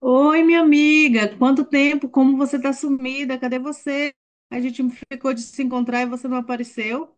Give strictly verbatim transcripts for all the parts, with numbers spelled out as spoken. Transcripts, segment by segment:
Oi, minha amiga, quanto tempo? Como você está sumida? Cadê você? A gente ficou de se encontrar e você não apareceu.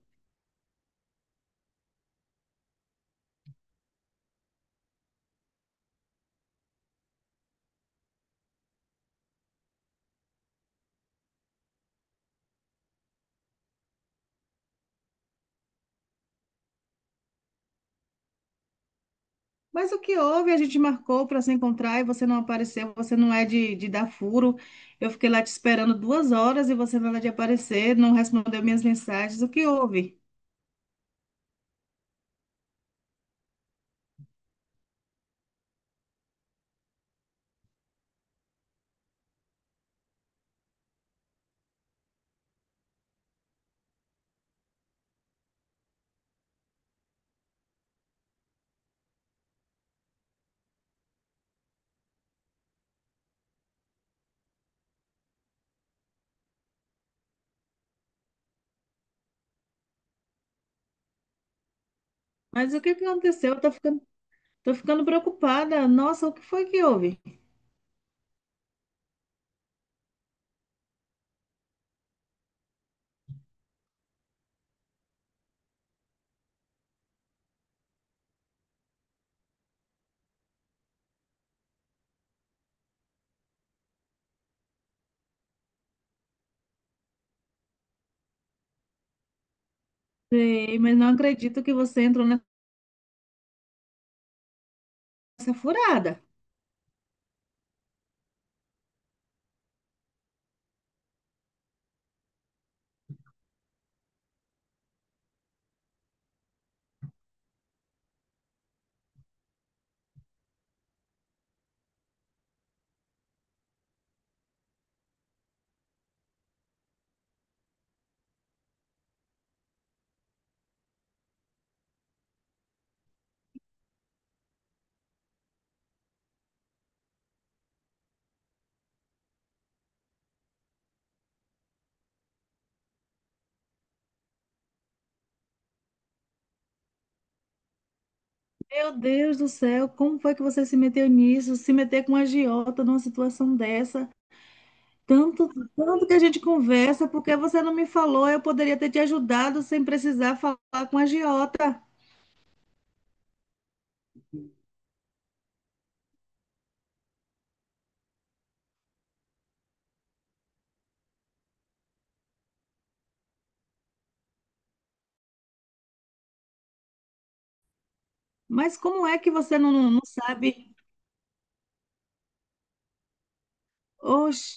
Mas o que houve? A gente marcou para se encontrar e você não apareceu. Você não é de, de dar furo. Eu fiquei lá te esperando duas horas e você nada de aparecer, não respondeu minhas mensagens. O que houve? Mas o que que aconteceu? Eu tô ficando, tô ficando preocupada. Nossa, o que foi que houve? Sei, mas não acredito que você entrou nessa furada. Meu Deus do céu, como foi que você se meteu nisso? Se meter com a agiota numa situação dessa? Tanto, tanto que a gente conversa, porque você não me falou, eu poderia ter te ajudado sem precisar falar com a agiota. Mas como é que você não, não sabe? Oxe.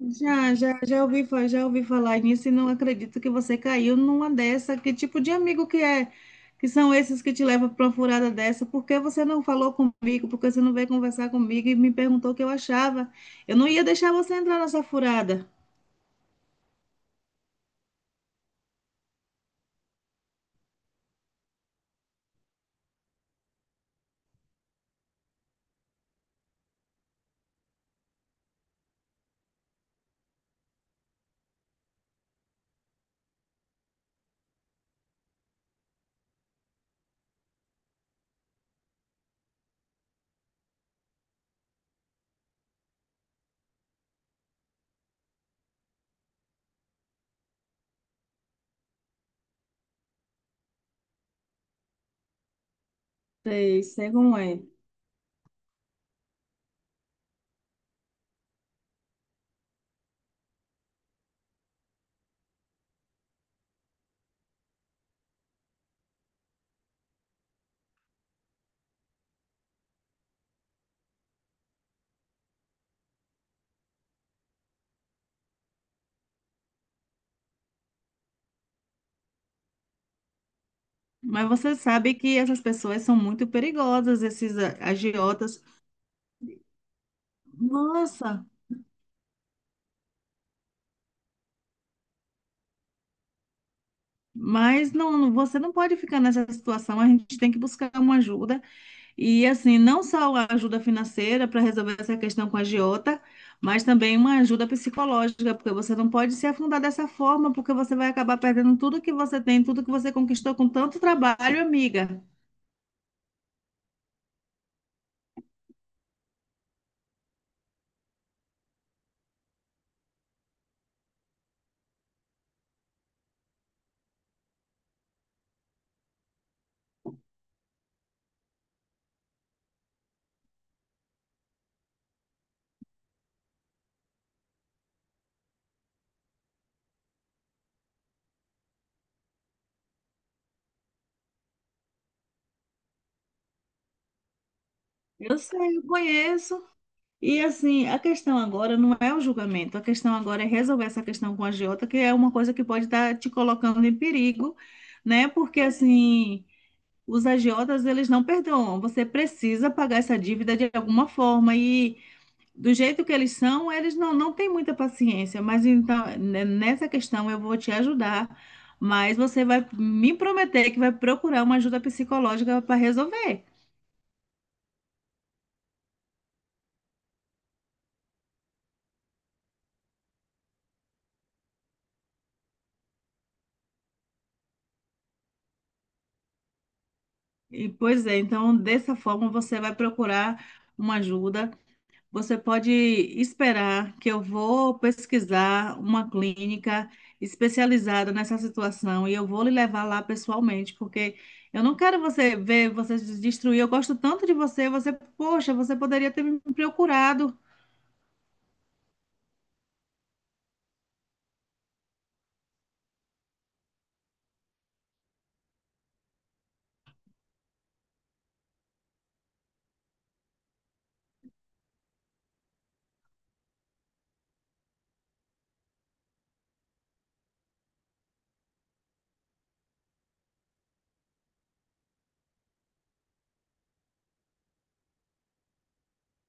Já, já, já ouvi, fa- já ouvi falar nisso e não acredito que você caiu numa dessa. Que tipo de amigo que é? Que são esses que te levam para uma furada dessa? Por que você não falou comigo? Por que você não veio conversar comigo e me perguntou o que eu achava? Eu não ia deixar você entrar nessa furada. Sei, sei como é. Mas você sabe que essas pessoas são muito perigosas, esses a- agiotas. Nossa, mas não, não- você não pode ficar nessa situação. A gente tem que buscar uma ajuda. E assim, não só a ajuda financeira para resolver essa questão com a agiota, mas também uma ajuda psicológica, porque você não pode se afundar dessa forma, porque você vai acabar perdendo tudo que você tem, tudo que você conquistou com tanto trabalho, amiga. Eu sei, eu conheço. E assim, a questão agora não é o julgamento, a questão agora é resolver essa questão com a agiota, que é uma coisa que pode estar te colocando em perigo, né? Porque assim, os agiotas, eles não perdoam. Você precisa pagar essa dívida de alguma forma e do jeito que eles são, eles não, não têm muita paciência, mas então, ne- nessa questão eu vou te ajudar, mas você vai me prometer que vai procurar uma ajuda psicológica para resolver. E, pois é, então dessa forma você vai procurar uma ajuda. Você pode esperar que eu vou pesquisar uma clínica especializada nessa situação e eu vou lhe levar lá pessoalmente, porque eu não quero você ver você se destruir. Eu gosto tanto de você, você, poxa, você poderia ter me procurado.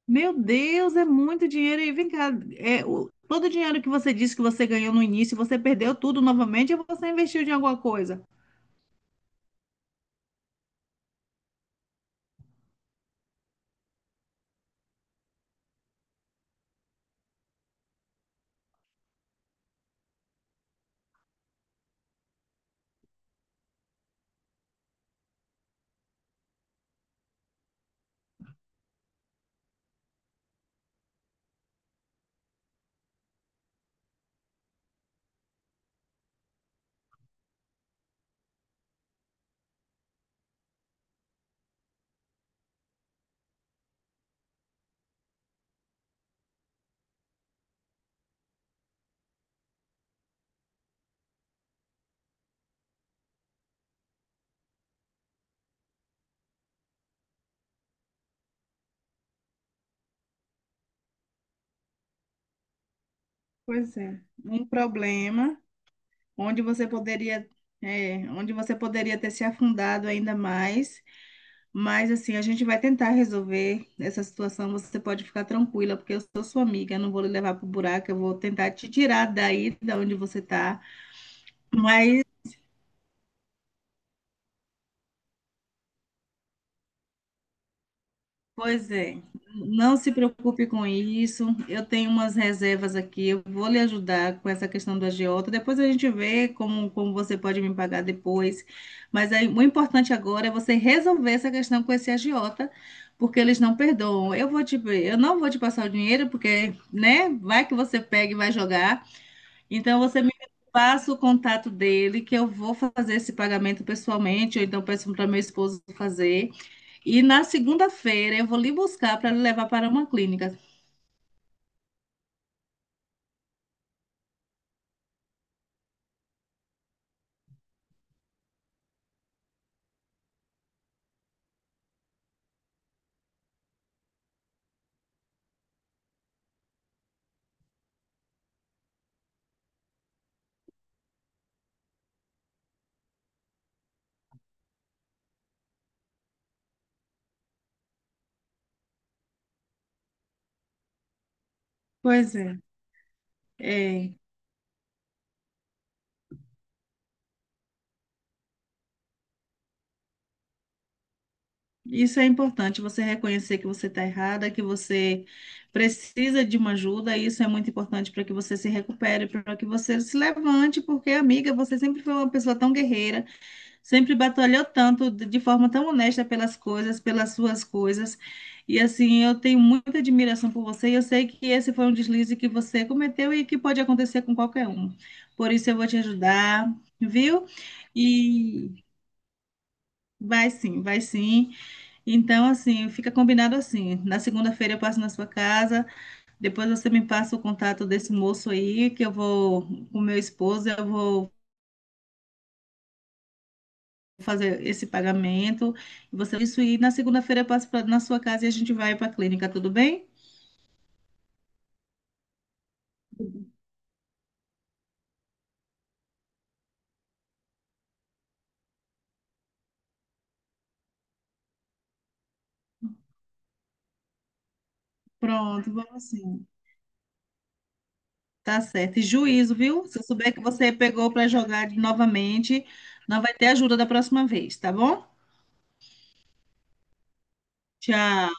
Meu Deus, é muito dinheiro. E vem cá, é, o- todo o dinheiro que você disse que você ganhou no início, você perdeu tudo novamente ou você investiu em alguma coisa? Pois é, um problema. onde você poderia, é, onde você poderia ter se afundado ainda mais. Mas assim, a gente vai tentar resolver essa situação. Você pode ficar tranquila, porque eu sou sua amiga, eu não vou lhe levar pro buraco, eu vou tentar te tirar daí, da onde você está. Mas Pois é, não se preocupe com isso. Eu tenho umas reservas aqui, eu vou lhe ajudar com essa questão do agiota. Depois a gente vê como, como você pode me pagar depois. Mas aí, o importante agora é você resolver essa questão com esse agiota, porque eles não perdoam. Eu vou te, eu não vou te passar o dinheiro, porque, né, vai que você pega e vai jogar. Então você me passa o contato dele, que eu vou fazer esse pagamento pessoalmente, ou então peço para meu esposo fazer. E na segunda-feira eu vou lhe buscar para lhe levar para uma clínica. Pois é. É, isso é importante, você reconhecer que você está errada, que você precisa de uma ajuda, e isso é muito importante para que você se recupere, para que você se levante, porque, amiga, você sempre foi uma pessoa tão guerreira. Sempre batalhou tanto, de de forma tão honesta pelas coisas, pelas suas coisas. E assim, eu tenho muita admiração por você e eu sei que esse foi um deslize que você cometeu e que pode acontecer com qualquer um. Por isso eu vou te ajudar, viu? E vai sim, vai sim. Então, assim, fica combinado assim. Na segunda-feira eu passo na sua casa, depois você me passa o contato desse moço aí, que eu vou, com meu esposo, eu vou fazer esse pagamento. E Você isso e na segunda-feira eu passo pra- na sua casa e a gente vai para a clínica, tudo bem? Pronto, vamos sim. Tá certo. E juízo, viu? Se eu souber que você pegou para jogar de- novamente, não vai ter ajuda da próxima vez, tá bom? Tchau.